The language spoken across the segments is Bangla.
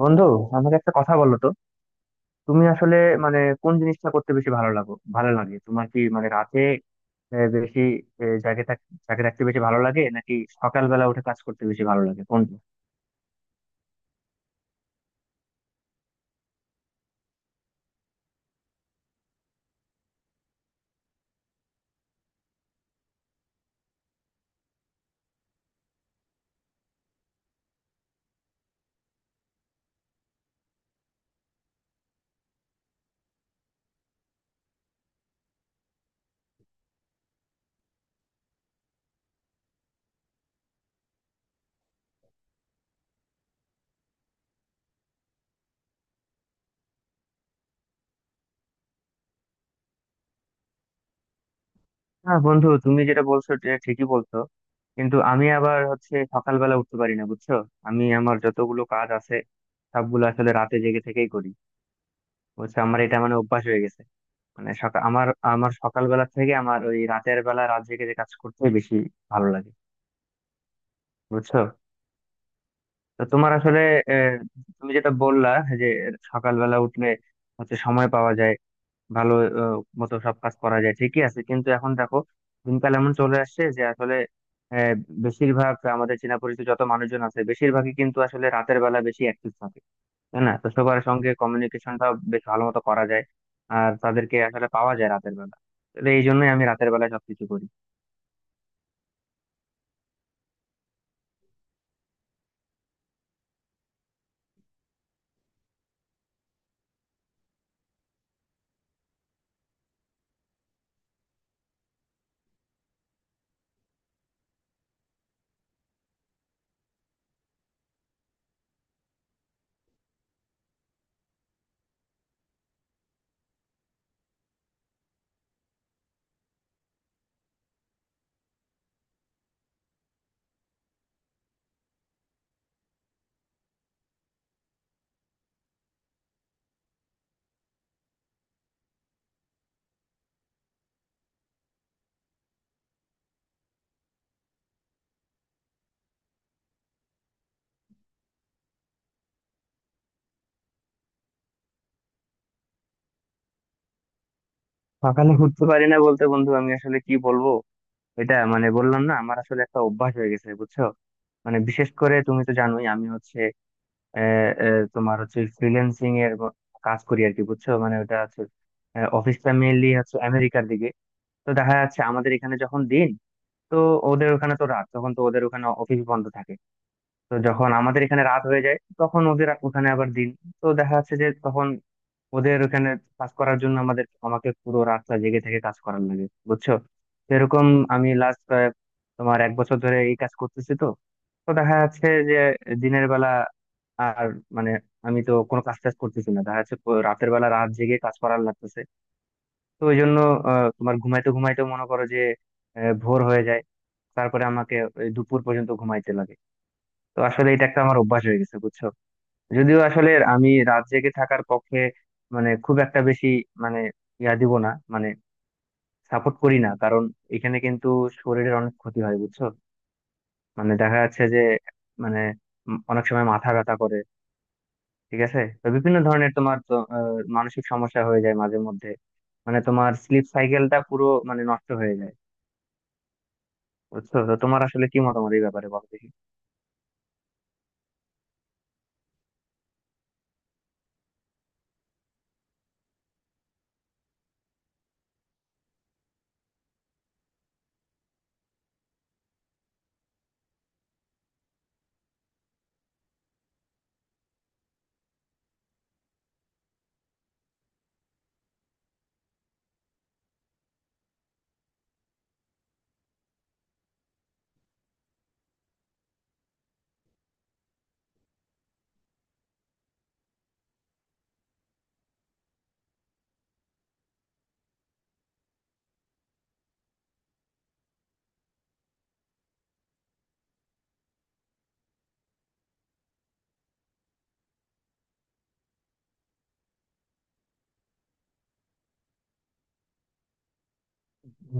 বন্ধু, আমাকে একটা কথা বলো তো। তুমি আসলে মানে কোন জিনিসটা করতে বেশি ভালো লাগে তোমার? কি মানে রাতে বেশি আহ, জাগে থাক- জাগে থাকতে বেশি ভালো লাগে, নাকি সকালবেলা উঠে কাজ করতে বেশি ভালো লাগে? কোনটা? হ্যাঁ বন্ধু, তুমি যেটা বলছো এটা ঠিকই বলছো। কিন্তু আমি আবার হচ্ছে সকালবেলা উঠতে পারি না, বুঝছো। আমি আমার যতগুলো কাজ আছে সবগুলো আসলে রাতে জেগে থেকেই করি। বুঝছো, আমার এটা মানে অভ্যাস হয়ে গেছে। মানে সকাল আমার আমার সকালবেলা থেকে আমার ওই রাতের বেলা রাত জেগে যে কাজ করতে বেশি ভালো লাগে, বুঝছো। তো তোমার আসলে আহ, তুমি যেটা বললা যে সকালবেলা উঠলে হচ্ছে সময় পাওয়া যায় ভালো আহ, মতো সব কাজ করা যায় ঠিকই আছে, কিন্তু এখন দেখো দিনকাল এমন চলে আসছে যে আসলে আহ, বেশিরভাগ আমাদের চেনা পরিচিত যত মানুষজন আছে, বেশিরভাগই কিন্তু আসলে রাতের বেলা বেশি অ্যাক্টিভ থাকে, তাই না। তো সবার সঙ্গে কমিউনিকেশনটা বেশ ভালো মতো করা যায়, আর তাদেরকে আসলে পাওয়া যায় রাতের বেলা। তো এই জন্যই আমি রাতের বেলায় সবকিছু করি। সকালে উঠতে পারি না বলতে বন্ধু আমি আসলে কি বলবো, এটা মানে বললাম না আমার আসলে একটা অভ্যাস হয়ে গেছে, বুঝছো। মানে বিশেষ করে তুমি তো জানোই আমি হচ্ছে আহ, আহ, তোমার হচ্ছে ফ্রিল্যান্সিং এর কাজ করি আর কি, বুঝছো। মানে ওটা হচ্ছে অফিসটা মেইনলি হচ্ছে আমেরিকার দিকে। তো দেখা যাচ্ছে আমাদের এখানে যখন দিন, তো ওদের ওখানে তো রাত, তখন তো ওদের ওখানে অফিস বন্ধ থাকে। তো যখন আমাদের এখানে রাত হয়ে যায় তখন ওদের ওখানে আবার দিন। তো দেখা যাচ্ছে যে তখন ওদের ওখানে কাজ করার জন্য আমাদের আমাকে পুরো রাস্তা জেগে থেকে কাজ করার লাগে, বুঝছো। সেরকম আমি লাস্ট তোমার 1 বছর ধরে এই কাজ করতেছি তো। তো দেখা যাচ্ছে যে দিনের বেলা আর মানে আমি তো কোনো কাজ টাজ করতেছি না, দেখা যাচ্ছে রাতের বেলা রাত জেগে কাজ করার লাগতেছে। তো ওই জন্য তোমার ঘুমাইতে ঘুমাইতে মনে করো যে ভোর হয়ে যায়, তারপরে আমাকে ওই দুপুর পর্যন্ত ঘুমাইতে লাগে। তো আসলে এটা একটা আমার অভ্যাস হয়ে গেছে, বুঝছো। যদিও আসলে আমি রাত জেগে থাকার পক্ষে মানে খুব একটা বেশি মানে ইয়া দিব না, মানে সাপোর্ট করি না, কারণ এখানে কিন্তু শরীরের অনেক ক্ষতি হয়, বুঝছো। মানে দেখা যাচ্ছে যে মানে অনেক সময় মাথা ব্যথা করে, ঠিক আছে। তো বিভিন্ন ধরনের তোমার তো মানসিক সমস্যা হয়ে যায় মাঝে মধ্যে, মানে তোমার স্লিপ সাইকেলটা পুরো মানে নষ্ট হয়ে যায়, বুঝছো। তো তোমার আসলে কি মতামত এই ব্যাপারে বলো দেখি।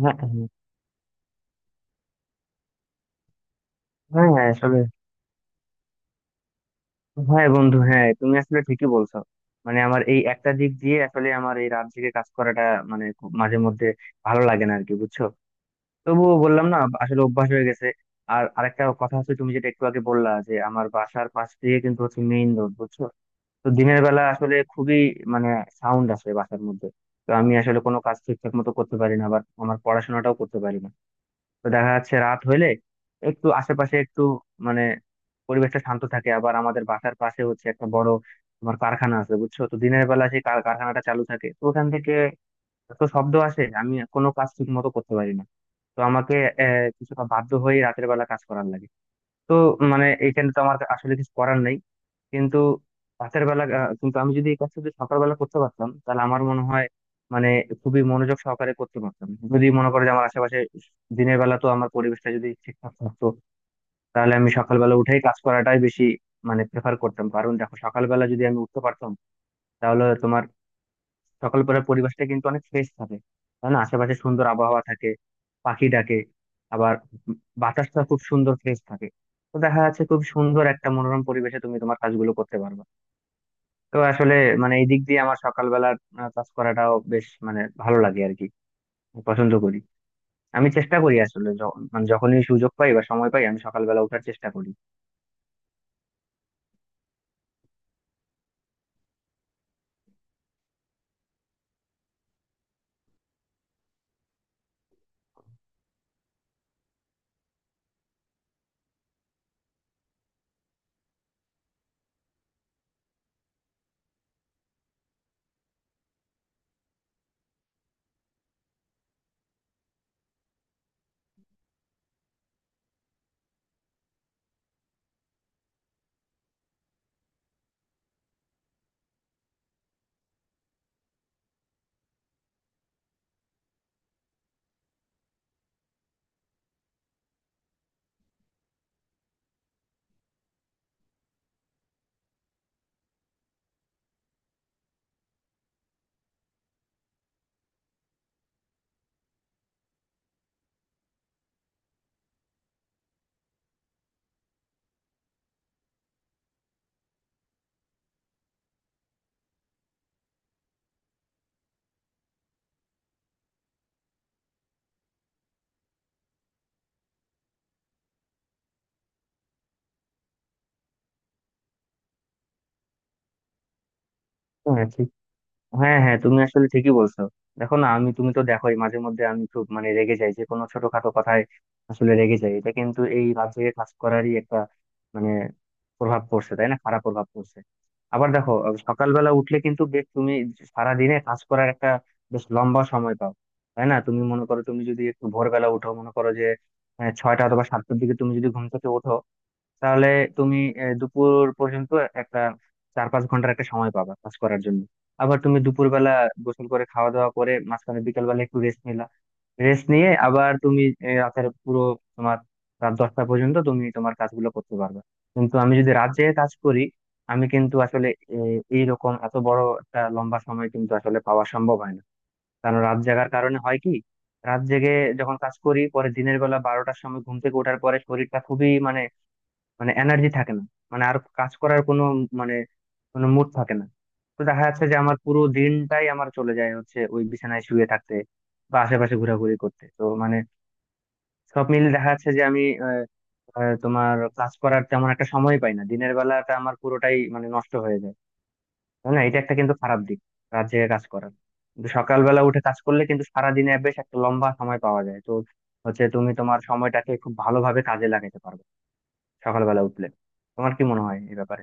হ্যাঁ, হ্যাঁ, হ্যাঁ, আসলে হ্যাঁ বন্ধু, হ্যাঁ তুমি আসলে ঠিকই বলছো। মানে আমার এই একটা দিক দিয়ে আসলে আমার এই রাত জেগে কাজ করাটা মানে খুব মাঝে মধ্যে ভালো লাগে না আর কি, বুঝছো। তবুও বললাম না, আসলে অভ্যাস হয়ে গেছে। আর আরেকটা কথা হচ্ছে তুমি যেটা একটু আগে বললা যে আমার বাসার পাশ দিয়ে কিন্তু হচ্ছে মেইন রোড, বুঝছো। তো দিনের বেলা আসলে খুবই মানে সাউন্ড আসে বাসার মধ্যে। তো আমি আসলে কোনো কাজ ঠিকঠাক মতো করতে পারি না, আবার আমার পড়াশোনাটাও করতে পারি না। তো দেখা যাচ্ছে রাত হইলে একটু আশেপাশে একটু মানে পরিবেশটা শান্ত থাকে। আবার আমাদের বাসার পাশে হচ্ছে একটা বড় তোমার কারখানা আছে, বুঝছো। তো দিনের বেলা সেই কারখানাটা চালু থাকে, তো ওখান থেকে এত শব্দ আসে আমি কোনো কাজ ঠিক মতো করতে পারি না। তো আমাকে কিছুটা বাধ্য হয়ে রাতের বেলা কাজ করার লাগে। তো মানে এইখানে তো আমার আসলে কিছু করার নেই। কিন্তু রাতের বেলা কিন্তু আমি যদি এই কাজটা যদি সকালবেলা করতে পারতাম তাহলে আমার মনে হয় মানে খুবই মনোযোগ সহকারে করতে পারতাম। যদি মনে করো যে আমার আশেপাশে দিনের বেলা তো আমার পরিবেশটা যদি ঠিকঠাক থাকতো, তাহলে আমি সকালবেলা উঠেই কাজ করাটাই বেশি মানে প্রেফার করতাম, কারণ দেখো সকালবেলা যদি আমি উঠতে পারতাম তাহলে তোমার সকালবেলার পরিবেশটা কিন্তু অনেক ফ্রেশ থাকে, তাই না। আশেপাশে সুন্দর আবহাওয়া থাকে, পাখি ডাকে, আবার বাতাসটা খুব সুন্দর ফ্রেশ থাকে। তো দেখা যাচ্ছে খুব সুন্দর একটা মনোরম পরিবেশে তুমি তোমার কাজগুলো করতে পারবে। তো আসলে মানে এই দিক দিয়ে আমার সকালবেলার কাজ করাটাও বেশ মানে ভালো লাগে আর কি, পছন্দ করি। আমি চেষ্টা করি আসলে মানে যখনই সুযোগ পাই বা সময় পাই আমি সকালবেলা ওঠার চেষ্টা করি। হ্যাঁ ঠিক, হ্যাঁ হ্যাঁ তুমি আসলে ঠিকই বলছো। দেখো না আমি, তুমি তো দেখোই মাঝে মধ্যে আমি খুব মানে রেগে যাই যে কোনো ছোটখাটো কথায় আসলে রেগে যাই, এটা কিন্তু এই রাত জেগে কাজ করারই একটা মানে প্রভাব পড়ছে, তাই না, খারাপ প্রভাব পড়ছে। আবার দেখো সকালবেলা উঠলে কিন্তু বেশ তুমি সারা দিনে কাজ করার একটা বেশ লম্বা সময় পাও, তাই না। তুমি মনে করো তুমি যদি একটু ভোরবেলা উঠো, মনে করো যে 6টা অথবা 7টার দিকে তুমি যদি ঘুম থেকে ওঠো, তাহলে তুমি দুপুর পর্যন্ত একটা 4-5 ঘন্টার একটা সময় পাবা কাজ করার জন্য। আবার তুমি দুপুরবেলা গোসল করে খাওয়া দাওয়া করে মাঝখানে বিকেল বেলা একটু রেস্ট নিলা, রেস্ট নিয়ে আবার তুমি রাতের পুরো তোমার রাত 10টা পর্যন্ত তুমি তোমার কাজগুলো করতে পারবে। কিন্তু আমি যদি রাত জেগে কাজ করি আমি কিন্তু আসলে এই রকম এত বড় একটা লম্বা সময় কিন্তু আসলে পাওয়া সম্ভব হয় না, কারণ রাত জাগার কারণে হয় কি রাত জেগে যখন কাজ করি পরে দিনের বেলা 12টার সময় ঘুম থেকে ওঠার পরে শরীরটা খুবই মানে মানে এনার্জি থাকে না, মানে আর কাজ করার কোনো মানে কোনো মুড থাকে না। তো দেখা যাচ্ছে যে আমার পুরো দিনটাই আমার চলে যায় হচ্ছে ওই বিছানায় শুয়ে থাকতে বা আশেপাশে ঘোরাঘুরি করতে। তো মানে সব মিলে দেখা যাচ্ছে যে আমি আহ, আহ, তোমার ক্লাস করার তেমন একটা সময় পাই না, দিনের বেলাটা আমার পুরোটাই মানে নষ্ট হয়ে যায়, তাই না। এটা একটা কিন্তু খারাপ দিক রাত জেগে কাজ করার। কিন্তু সকালবেলা উঠে কাজ করলে কিন্তু সারাদিনে বেশ একটা লম্বা সময় পাওয়া যায় তো হচ্ছে, তুমি তোমার সময়টাকে খুব ভালোভাবে কাজে লাগাতে পারবে সকালবেলা উঠলে। তোমার কি মনে হয় এই ব্যাপারে?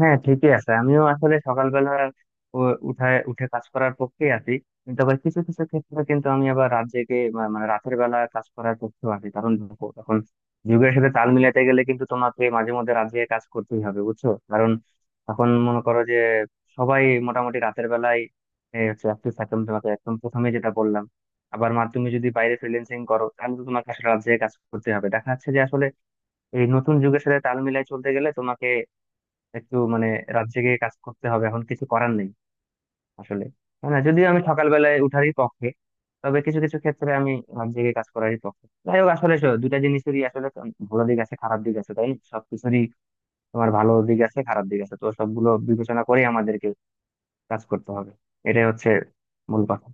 হ্যাঁ ঠিকই আছে, আমিও আসলে সকালবেলা উ- উঠায় উঠে কাজ করার পক্ষেই আছি। কিন্তু আবার কিছু কিছু ক্ষেত্রে কিন্তু আমি আবার রাত জেগে মানে রাতের বেলা কাজ করার পক্ষেও আছি, কারণ দেখো এখন যুগের সাথে তাল মিলাতে গেলে কিন্তু তোমাকে মাঝে মধ্যে রাত জেগে কাজ করতেই হবে, বুঝছো। কারণ এখন মনে করো যে সবাই মোটামুটি রাতের বেলায় হচ্ছে অ্যাক্টিভ থাকে, আমি তোমাকে একদম প্রথমে যেটা বললাম। আবার মা তুমি যদি বাইরে ফ্রিল্যান্সিং করো তাহলে তো তোমাকে আসলে রাত জেগে কাজ করতে হবে। দেখা যাচ্ছে যে আসলে এই নতুন যুগের সাথে তাল মিলাই চলতে গেলে তোমাকে একটু মানে রাত জেগে কাজ করতে হবে, এখন কিছু করার নেই আসলে। হ্যাঁ না, যদিও আমি সকালবেলায় উঠারই পক্ষে, তবে কিছু কিছু ক্ষেত্রে আমি রাত জেগে কাজ করারই পক্ষে। যাই হোক আসলে 2টা জিনিসেরই আসলে ভালো দিক আছে খারাপ দিক আছে, তাই না, সবকিছুরই তোমার ভালো দিক আছে খারাপ দিক আছে। তো সবগুলো বিবেচনা করে আমাদেরকে কাজ করতে হবে, এটাই হচ্ছে মূল কথা।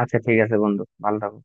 আচ্ছা ঠিক আছে বন্ধু, ভালো থাকো।